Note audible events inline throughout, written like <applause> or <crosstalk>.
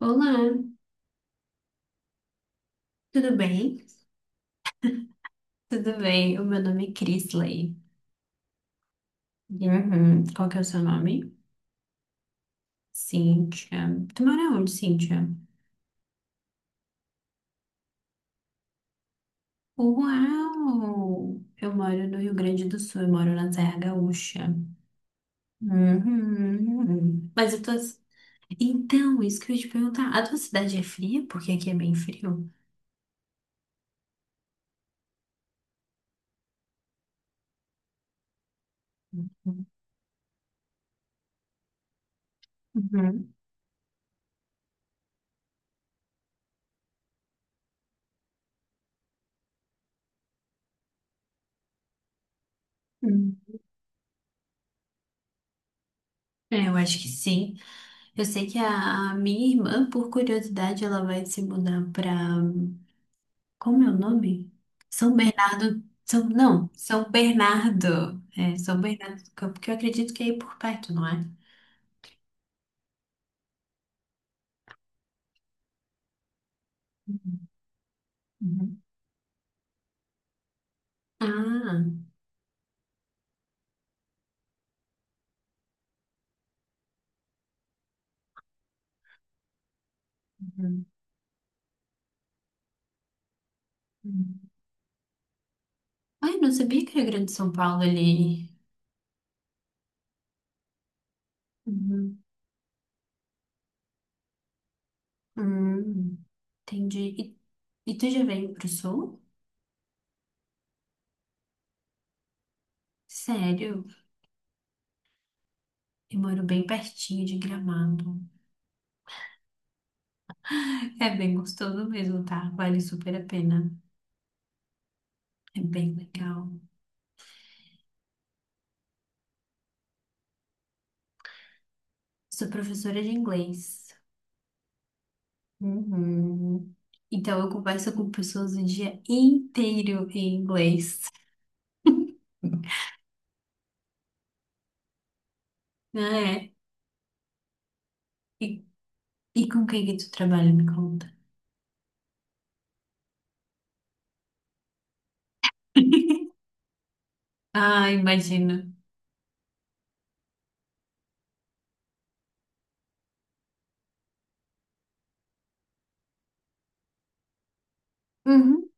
Olá, tudo bem? Tudo bem, o meu nome é Crisley. Uhum. Qual que é o seu nome? Cíntia. Tu mora onde, Cíntia? Uau! Eu moro no Rio Grande do Sul, eu moro na Serra Gaúcha. Uhum. Mas eu tô... Então, isso que eu ia te perguntar. A tua cidade é fria? Porque aqui é bem frio. Uhum. Uhum. É, eu acho que sim. Eu sei que a minha irmã, por curiosidade, ela vai se mudar para... Como é o nome? São Bernardo. São, não, São Bernardo. É, São Bernardo do Campo, que eu acredito que é aí por perto, não é? Uhum, uhum, ah, uhum, uhum, ai, não sabia que era Grande São Paulo ali. Uhum. Hum, entendi. E tu já veio pro sul? Sério? Eu moro bem pertinho de Gramado. É bem gostoso mesmo, tá? Vale super a pena. É bem legal. Sou professora de inglês. Uhum. Então, eu converso com pessoas o dia inteiro em inglês, <laughs> né? E, e com quem que tu trabalha, me conta? <laughs> Ah, imagino. Uhum,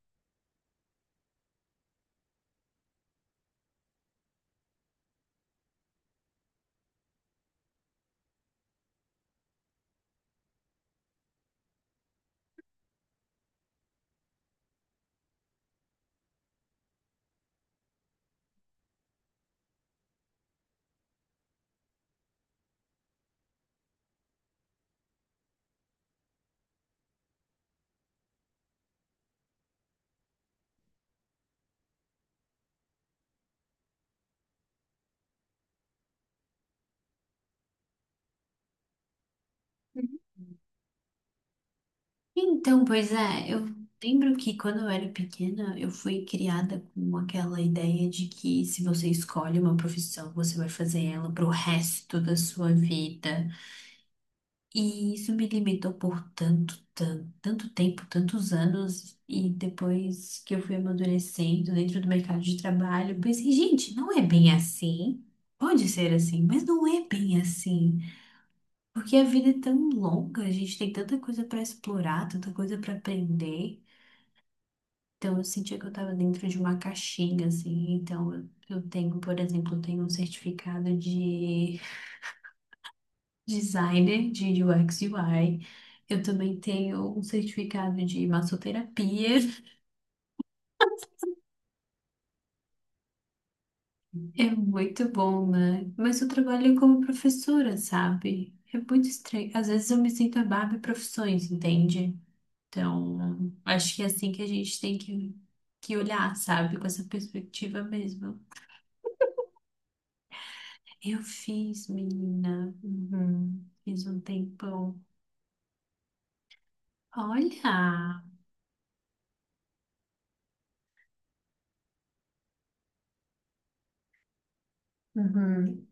uhum. Então, pois é, eu lembro que quando eu era pequena, eu fui criada com aquela ideia de que se você escolhe uma profissão, você vai fazer ela pro resto da sua vida. E isso me limitou por tanto, tanto, tanto tempo, tantos anos, e depois que eu fui amadurecendo dentro do mercado de trabalho, eu pensei, gente, não é bem assim. Pode ser assim, mas não é bem assim. Porque a vida é tão longa, a gente tem tanta coisa para explorar, tanta coisa para aprender. Então eu sentia que eu estava dentro de uma caixinha, assim. Então eu tenho, por exemplo, eu tenho um certificado de designer de UX UI. Eu também tenho um certificado de massoterapia. É muito bom, né? Mas eu trabalho como professora, sabe? É muito estranho. Às vezes eu me sinto a Barbie profissões, entende? Então, acho que é assim que a gente tem que olhar, sabe? Com essa perspectiva mesmo. Eu fiz, menina. Uhum. Fiz um tempão. Olha! Uhum.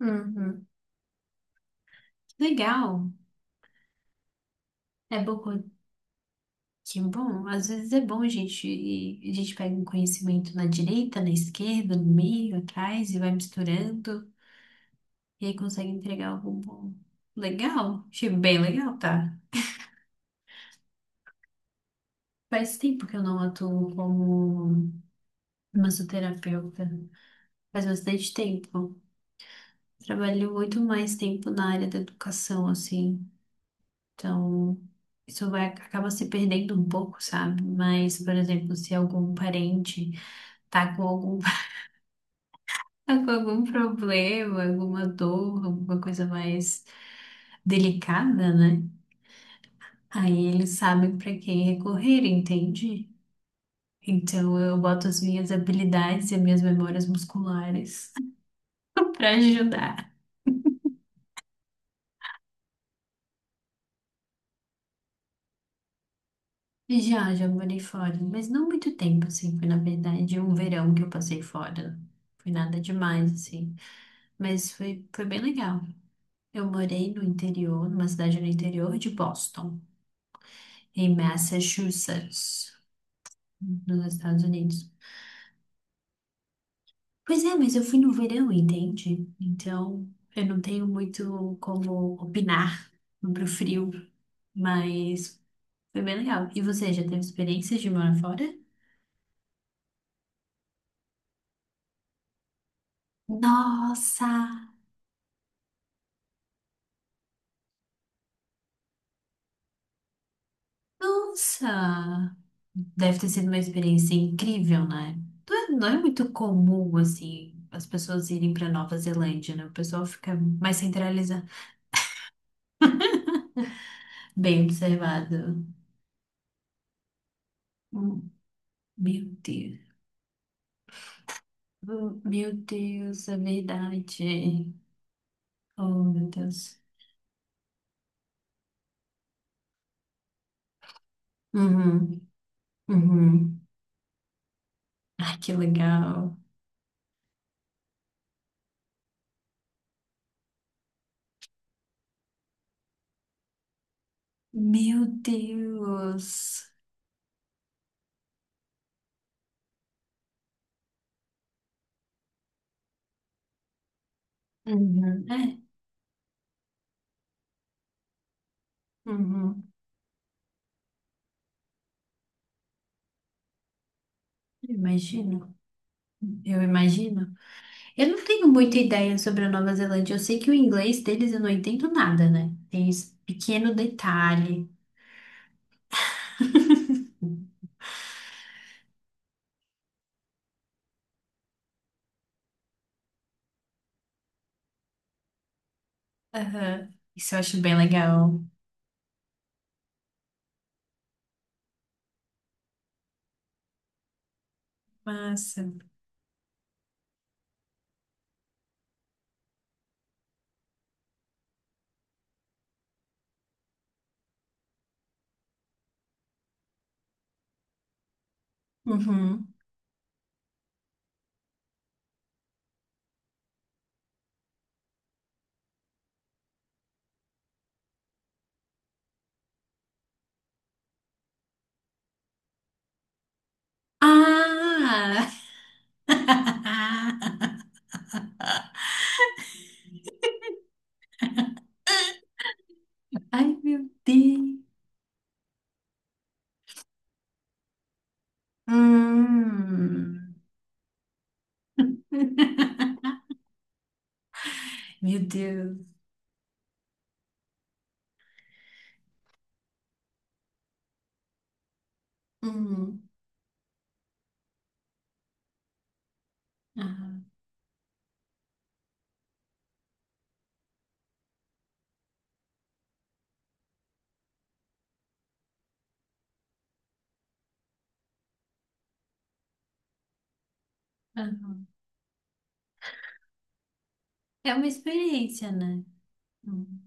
Uhum. Legal! É bom... Que bom, às vezes é bom, gente. A gente pega um conhecimento na direita, na esquerda, no meio, atrás e vai misturando. E aí consegue entregar algo bom. Legal, achei bem legal, tá? Faz tempo que eu não atuo como massoterapeuta. Faz bastante tempo. Trabalho muito mais tempo na área da educação, assim. Então, isso vai, acaba se perdendo um pouco, sabe? Mas, por exemplo, se algum parente tá com algum... Tá com algum problema, alguma dor, alguma coisa mais delicada, né? Aí eles sabem para quem recorrer, entende? Então eu boto as minhas habilidades e as minhas memórias musculares <laughs> para ajudar. Já, já morei fora, mas não muito tempo, assim. Foi, na verdade, um verão que eu passei fora. Foi nada demais, assim. Mas foi, foi bem legal. Eu morei no interior, numa cidade no interior de Boston, em Massachusetts, nos Estados Unidos. Pois é, mas eu fui no verão, entende? Então, eu não tenho muito como opinar sobre o frio, mas foi bem legal. E você já teve experiências de morar fora? Nossa! Nossa! Deve ter sido uma experiência incrível, né? Não é, não é muito comum, assim, as pessoas irem para Nova Zelândia, né? O pessoal fica mais centralizado. Bem observado. Hum, Meu Deus. Meu Deus, é verdade. Oh, meu Deus. Uhum, uhum. Ai, que legal. Meu Deus. Uhum, é, uhum. Eu imagino. Eu imagino. Eu não tenho muita ideia sobre a Nova Zelândia. Eu sei que o inglês deles eu não entendo nada, né? Tem esse pequeno detalhe. <laughs> Aham. Isso eu acho bem legal. Massa. Uhum. Ah! <laughs> Ai, meu Deus. Hum. <laughs> Meu Deus. Hum. Aham, aham. É uma experiência, né? Hum.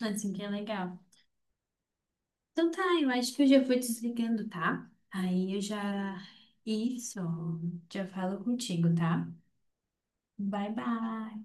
Assim que é legal. Então tá, eu acho que eu já vou desligando, tá? Aí eu já... Isso. Já falo contigo, tá? Bye, bye.